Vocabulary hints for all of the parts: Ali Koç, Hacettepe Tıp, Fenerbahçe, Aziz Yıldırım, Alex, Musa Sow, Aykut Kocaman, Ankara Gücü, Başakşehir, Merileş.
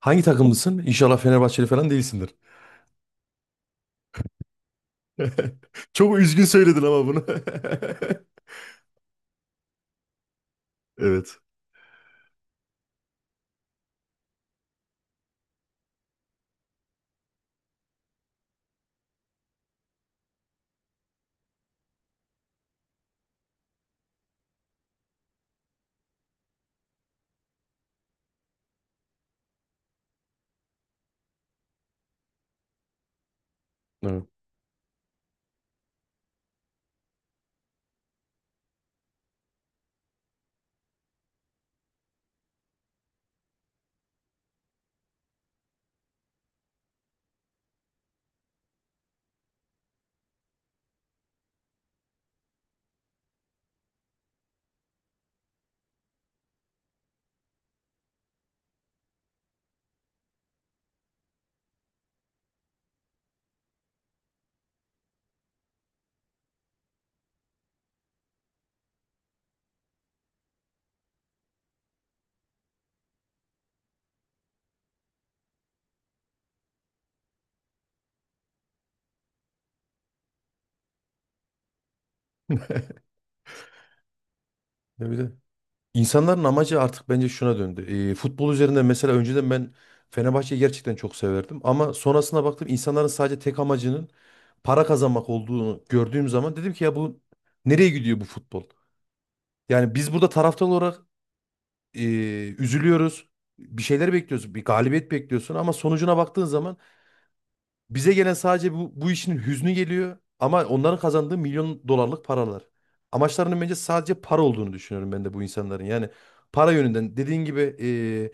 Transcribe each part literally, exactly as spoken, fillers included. Hangi takımlısın? İnşallah Fenerbahçeli falan değilsindir. Çok üzgün söyledin ama bunu. Evet. Evet. Ne bir İnsanların amacı artık bence şuna döndü. E, futbol üzerinde mesela önceden ben Fenerbahçe'yi gerçekten çok severdim. Ama sonrasına baktım insanların sadece tek amacının para kazanmak olduğunu gördüğüm zaman dedim ki ya bu nereye gidiyor bu futbol? Yani biz burada taraftar olarak e, üzülüyoruz. Bir şeyler bekliyoruz. Bir galibiyet bekliyorsun ama sonucuna baktığın zaman bize gelen sadece bu, bu işin hüznü geliyor ama onların kazandığı milyon dolarlık paralar. Amaçlarının bence sadece para olduğunu düşünüyorum ben de bu insanların. Yani para yönünden dediğin gibi e,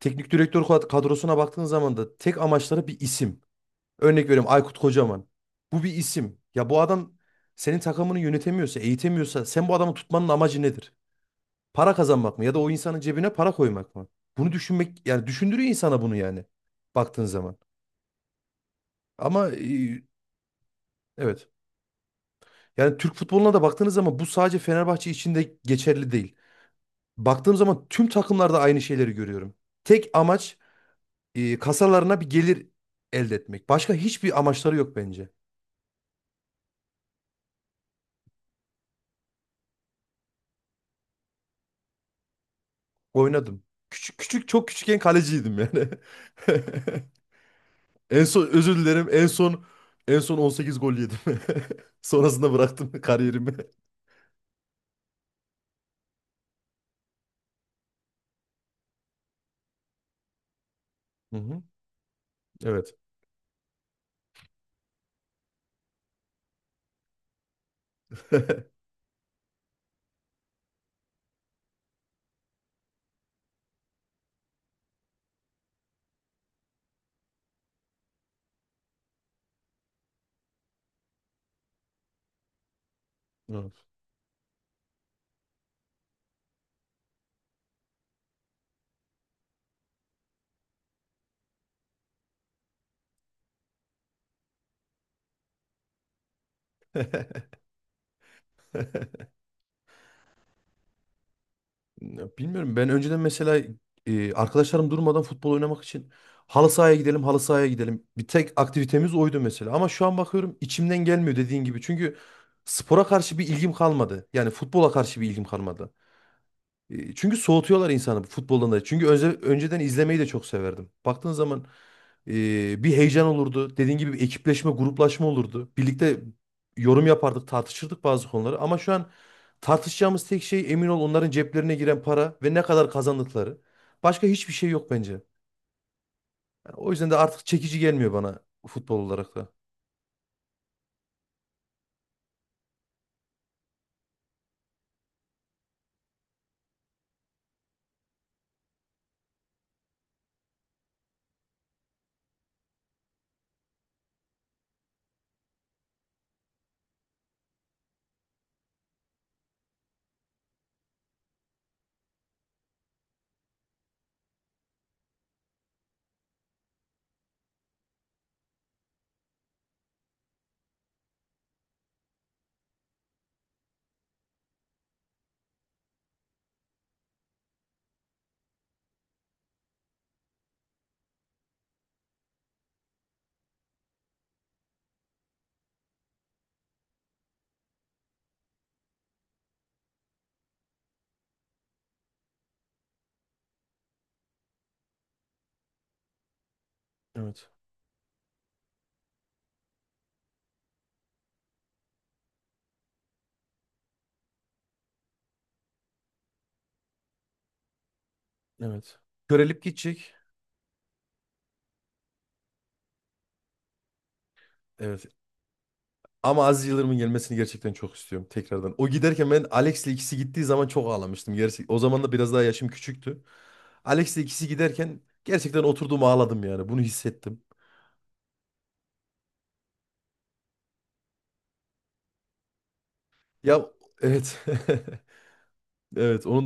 teknik direktör kad- kadrosuna baktığın zaman da tek amaçları bir isim. Örnek veriyorum Aykut Kocaman. Bu bir isim. Ya bu adam senin takımını yönetemiyorsa, eğitemiyorsa sen bu adamı tutmanın amacı nedir? Para kazanmak mı ya da o insanın cebine para koymak mı? Bunu düşünmek yani düşündürüyor insana bunu yani baktığın zaman. Ama e, evet. Yani Türk futboluna da baktığınız zaman bu sadece Fenerbahçe için de geçerli değil. Baktığım zaman tüm takımlarda aynı şeyleri görüyorum. Tek amaç e, kasalarına bir gelir elde etmek. Başka hiçbir amaçları yok bence. Oynadım. Küçük küçük çok küçükken kaleciydim yani. En son özür dilerim. En son en son on sekiz gol yedim. Sonrasında bıraktım kariyerimi. Hı hı. Evet. Evet. Ya, bilmiyorum. Ben önceden mesela e, arkadaşlarım durmadan futbol oynamak için halı sahaya gidelim, halı sahaya gidelim. Bir tek aktivitemiz oydu mesela. Ama şu an bakıyorum içimden gelmiyor dediğin gibi. Çünkü spora karşı bir ilgim kalmadı. Yani futbola karşı bir ilgim kalmadı. E, Çünkü soğutuyorlar insanı futboldan da. Çünkü önce, önceden izlemeyi de çok severdim. Baktığın zaman e, bir heyecan olurdu. Dediğin gibi bir ekipleşme, gruplaşma olurdu. Birlikte yorum yapardık, tartışırdık bazı konuları. Ama şu an tartışacağımız tek şey emin ol onların ceplerine giren para ve ne kadar kazandıkları. Başka hiçbir şey yok bence. Yani o yüzden de artık çekici gelmiyor bana futbol olarak da. Evet, evet. Körelip gidecek. Evet. Ama Aziz Yıldırım'ın gelmesini gerçekten çok istiyorum tekrardan. O giderken ben Alex'le ikisi gittiği zaman çok ağlamıştım. Gerçek, o zaman da biraz daha yaşım küçüktü. Alex'le ikisi giderken gerçekten oturduğum ağladım yani. Bunu hissettim. Ya, evet. Evet, onun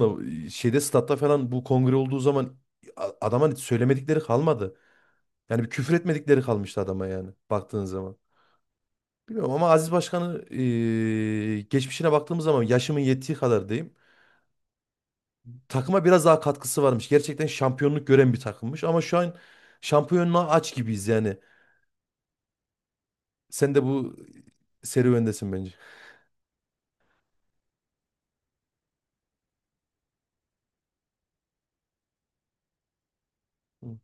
da şeyde statta falan bu kongre olduğu zaman a- adama söylemedikleri kalmadı. Yani bir küfür etmedikleri kalmıştı adama yani baktığın zaman. Bilmiyorum ama Aziz Başkan'ı eee, geçmişine baktığımız zaman yaşımın yettiği kadar diyeyim. Takıma biraz daha katkısı varmış. Gerçekten şampiyonluk gören bir takımmış ama şu an şampiyonluğa aç gibiyiz yani. Sen de bu serüvendesin bence. Hı,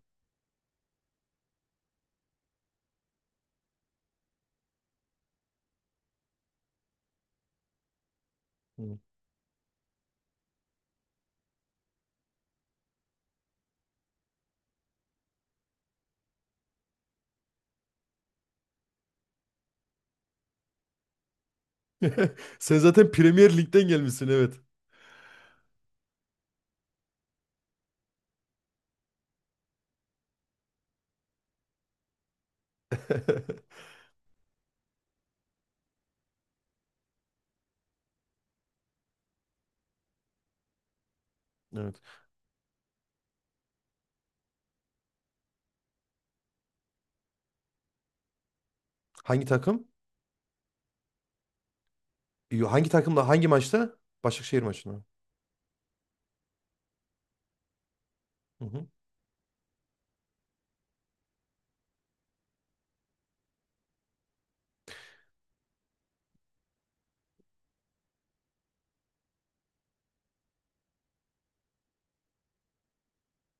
hı. Sen zaten Premier Lig'den gelmişsin, evet. Evet. Hangi takım? Yo, hangi takımla hangi maçta? Başakşehir maçında. Hı hı.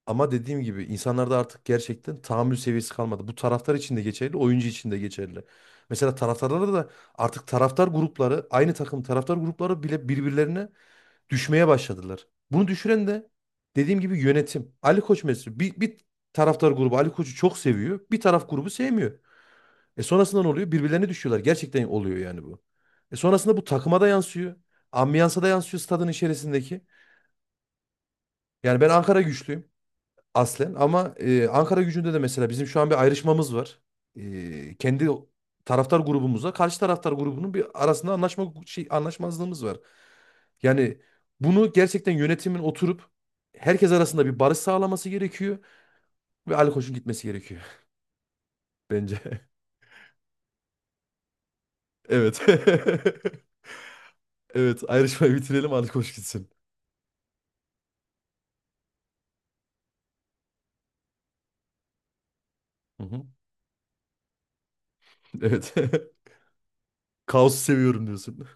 Ama dediğim gibi insanlarda artık gerçekten tahammül seviyesi kalmadı. Bu taraftar için de geçerli, oyuncu için de geçerli. Mesela taraftarlarda da artık taraftar grupları, aynı takım taraftar grupları bile birbirlerine düşmeye başladılar. Bunu düşüren de dediğim gibi yönetim. Ali Koç mesela bir, bir taraftar grubu Ali Koç'u çok seviyor. Bir taraf grubu sevmiyor. E sonrasında ne oluyor? Birbirlerine düşüyorlar. Gerçekten oluyor yani bu. E sonrasında bu takıma da yansıyor. Ambiyansa da yansıyor stadın içerisindeki. Yani ben Ankara güçlüyüm. Aslen ama e, Ankara gücünde de mesela bizim şu an bir ayrışmamız var. E, kendi taraftar grubumuzla karşı taraftar grubunun bir arasında anlaşma şey anlaşmazlığımız var. Yani bunu gerçekten yönetimin oturup herkes arasında bir barış sağlaması gerekiyor ve Ali Koç'un gitmesi gerekiyor bence. Evet. Evet, ayrışmayı bitirelim Ali Koç gitsin. Hı hı. Evet. Kaosu seviyorum diyorsun.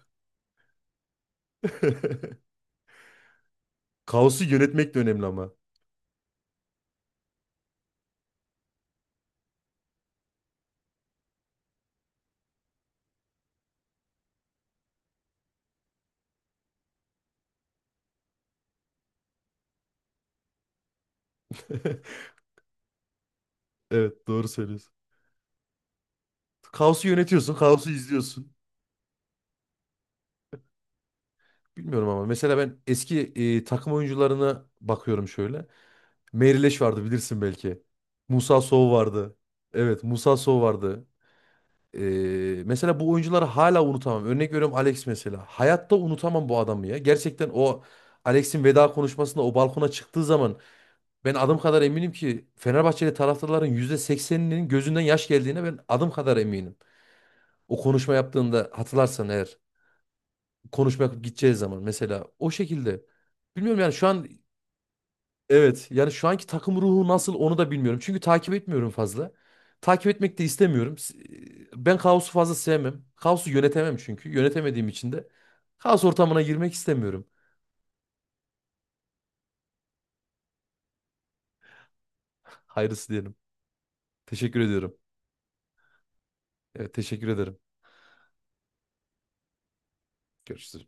Kaosu yönetmek de önemli ama. Evet, doğru söylüyorsun. Kaosu yönetiyorsun, kaosu izliyorsun. Bilmiyorum ama mesela ben eski e, takım oyuncularına bakıyorum şöyle. Merileş vardı bilirsin belki. Musa Sow vardı. Evet, Musa Sow vardı. E, Mesela bu oyuncuları hala unutamam. Örnek veriyorum Alex mesela. Hayatta unutamam bu adamı ya. Gerçekten o Alex'in veda konuşmasında o balkona çıktığı zaman ben adım kadar eminim ki Fenerbahçeli taraftarların yüzde sekseninin gözünden yaş geldiğine ben adım kadar eminim. O konuşma yaptığında hatırlarsan eğer. Konuşma yapıp gideceğiz zaman mesela o şekilde. Bilmiyorum yani şu an evet yani şu anki takım ruhu nasıl onu da bilmiyorum. Çünkü takip etmiyorum fazla. Takip etmek de istemiyorum. S- e, Ben kaosu fazla sevmem. Kaosu yönetemem çünkü. Yönetemediğim için de kaos ortamına girmek istemiyorum. Hayırlısı diyelim. Teşekkür ediyorum. Evet teşekkür ederim. Görüşürüz.